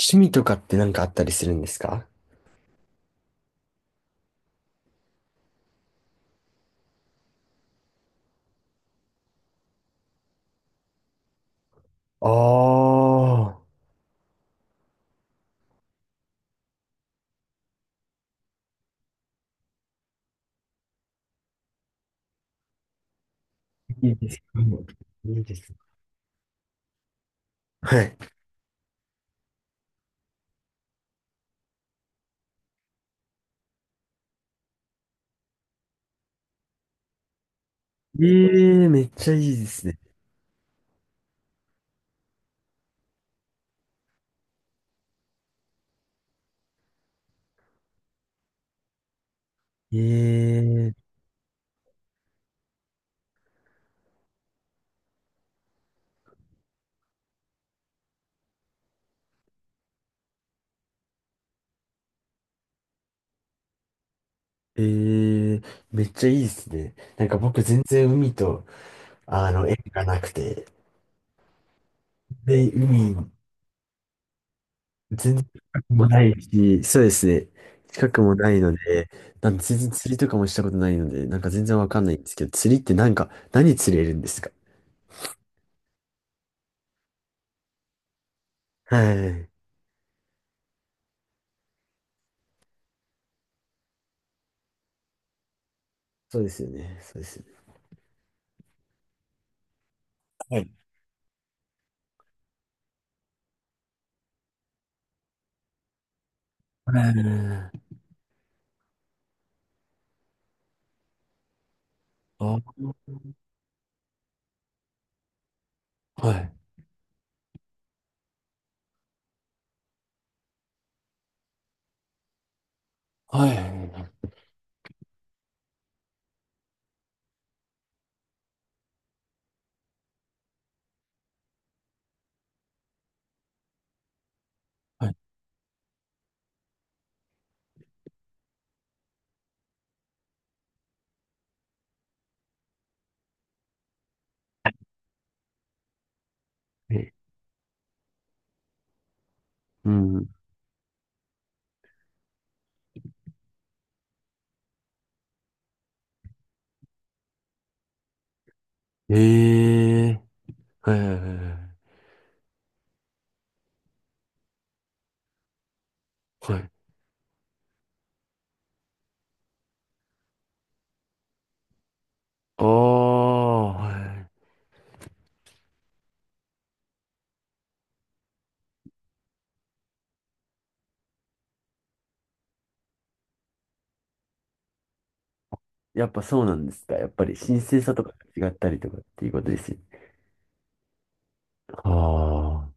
趣味とかって何かあったりするんですか？ああー、いいですね。いいですね。はい。ええ、めっちゃいいですね。ええええ、めっちゃいいですね。なんか僕全然海と、縁がなくて、で、海、全然近くもないし、そうですね。近くもないので、なんで全然釣りとかもしたことないので、なんか全然わかんないんですけど、釣りってなんか、何釣れるんですか？はい。そうですよね。そうですよね。ええ、あ、はい。はい。はい。え、うん。ええ、はい。はい。はい。ああ、はい。やっぱそうなんですか？やっぱり神聖さとかが違ったりとかっていうことですよね。ああ。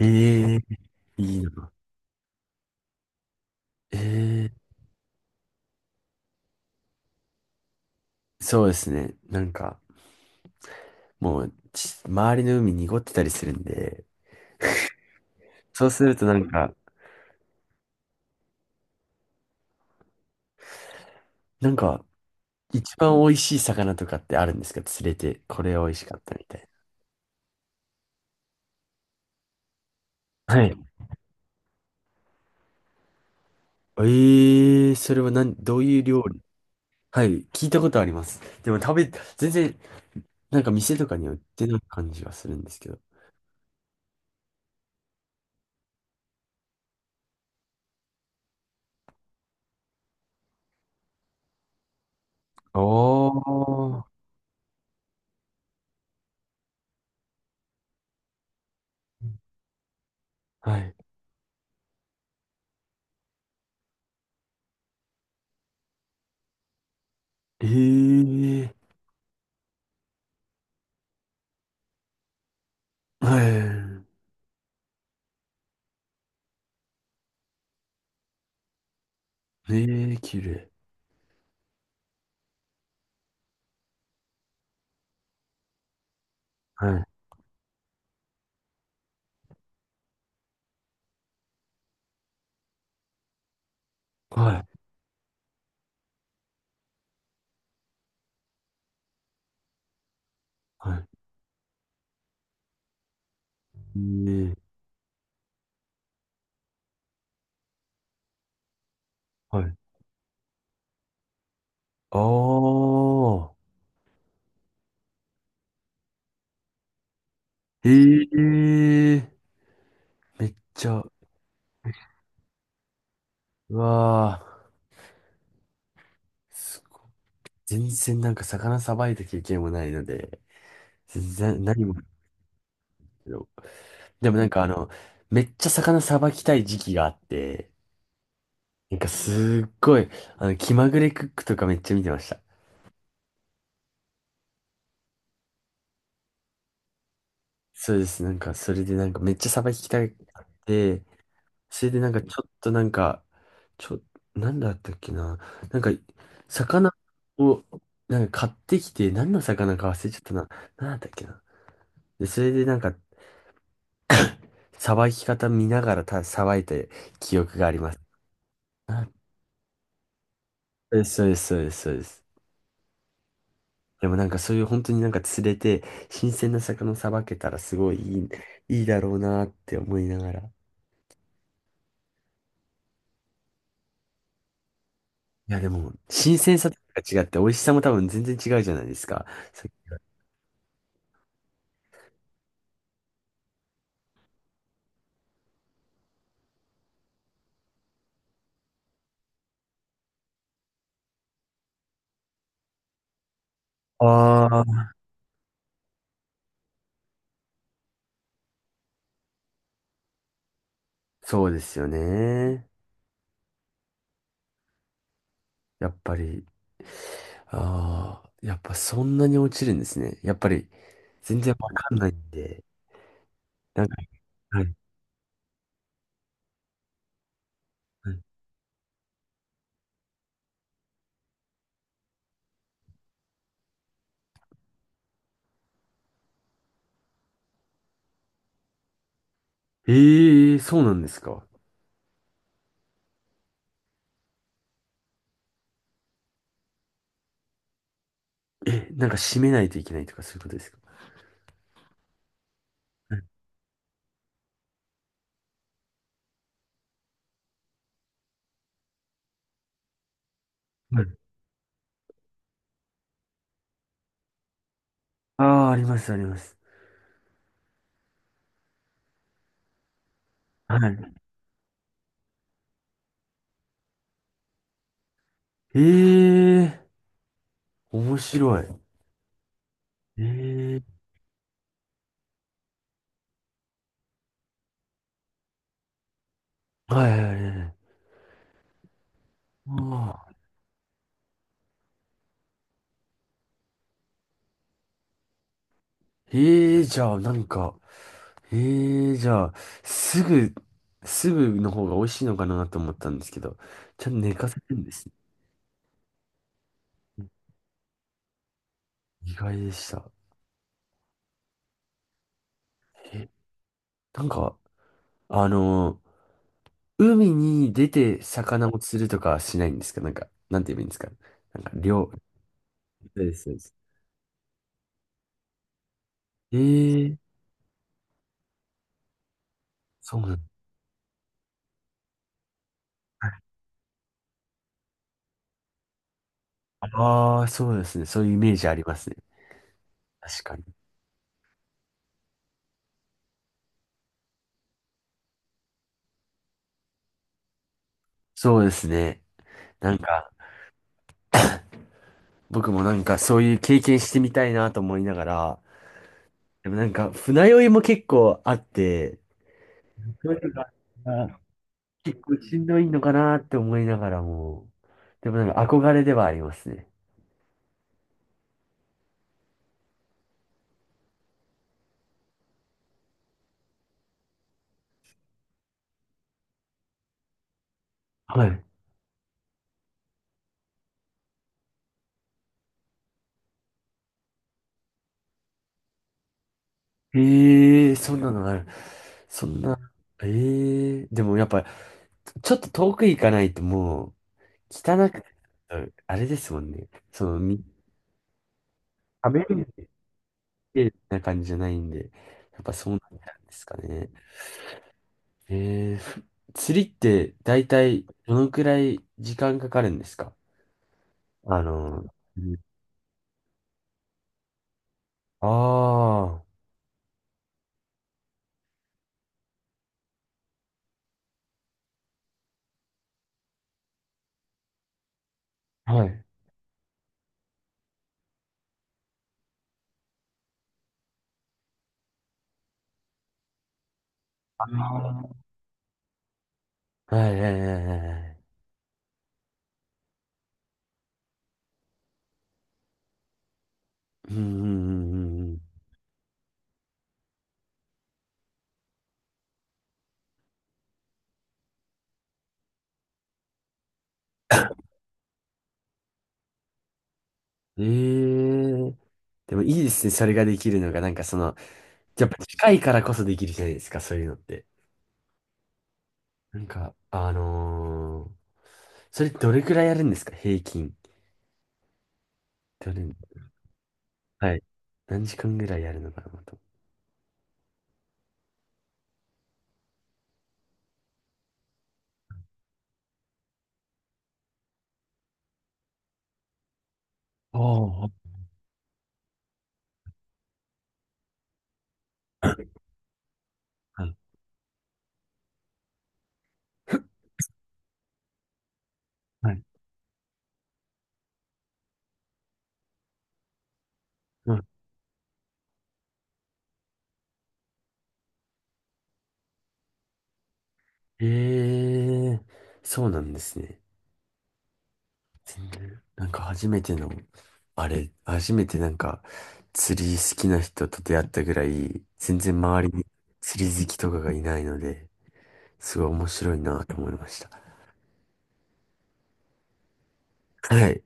ええ、いいな。ええ、そうですね。なんか、もう、周りの海濁ってたりするんで、そうするとなんか、一番美味しい魚とかってあるんですか？釣れて、これ美味しかったみたいな。はい。ええー、それは何、どういう料理？はい、聞いたことあります。でも全然、なんか店とかには売ってない感じがするんですけど。ああ、はい。ええー、はい。ええー、綺麗。はい。はい。はい。ええー、はい。ああ、ええー、めっちゃ、うわーすごい。全然なんか魚さばいた経験もないので、全然何も。でもなんかあの、めっちゃ魚さばきたい時期があって、なんかすっごい、気まぐれクックとかめっちゃ見てました。そうです。なんかそれでなんかめっちゃさばきたいあって、それでなんかちょっとなんか、ちょ、なんだったっけな。なんか、魚を、なんか買ってきて、何の魚か忘れちゃったな。なんだったっけな。で、それでなんか、さばき方見ながらさばいた記憶があります。あ、そうです、そうです、そうです、そうです。でもなんかそういう本当になんか釣れて、新鮮な魚さばけたらすごいいい、いいだろうなって思いながら。いやでも、新鮮さとか違って美味しさも多分全然違うじゃないですか。さっきから。ああ、そうですよね。やっぱり、ああ、やっぱそんなに落ちるんですね。やっぱり、全然わかんないんで。なんか、はい。はい。ええー、そうなんですか？え、なんか締めないといけないとかそういうことですか？はい。はい。ああー、あります、あります。はい。ええ、面白い。ええ、はいはいはいはい。ああ、ええじゃあ、なんか、ええじゃあ、すぐ、すぐの方が美味しいのかなと思ったんですけど、ちゃんと寝かせるんですね。意外でした。え、なんか、あの海に出て魚を釣るとかはしないんですか？なんか、なんて言えばいいんですか？なんか、漁、そうです、そうです。ええそうなんああー、そうですね。そういうイメージありますね。確かに。そうですね。なんか、僕もなんかそういう経験してみたいなと思いながら、でもなんか船酔いも結構あって、そういうのがあ、結構しんどいのかなって思いながらも、でもなんか憧れではありますね。はい。ええー、そんなのがある。そんな、ええー、でもやっぱ、ちょっと遠く行かないともう、汚く、あれですもんね。その、食べるってな感じじゃないんで、やっぱそうなんですかね。えー、ふ釣りって大体どのくらい時間かかるんですか？あのー、うん、ああ、はい。あー、はいはいはいはいはい。うんうんうんうんうん。ええ、でもいいですね、それができるのが。なんかその、やっぱ近いからこそできるじゃないですか、そういうのって。なんか、それどれくらいやるんですか、平均。どれ、はい。何時間ぐらいやるのかなと。あー、はい、はい。ええ、そうなんですね。全然なんか初めての、あれ、初めてなんか釣り好きな人と出会ったぐらい、全然周りに釣り好きとかがいないので、すごい面白いなと思いました。はい。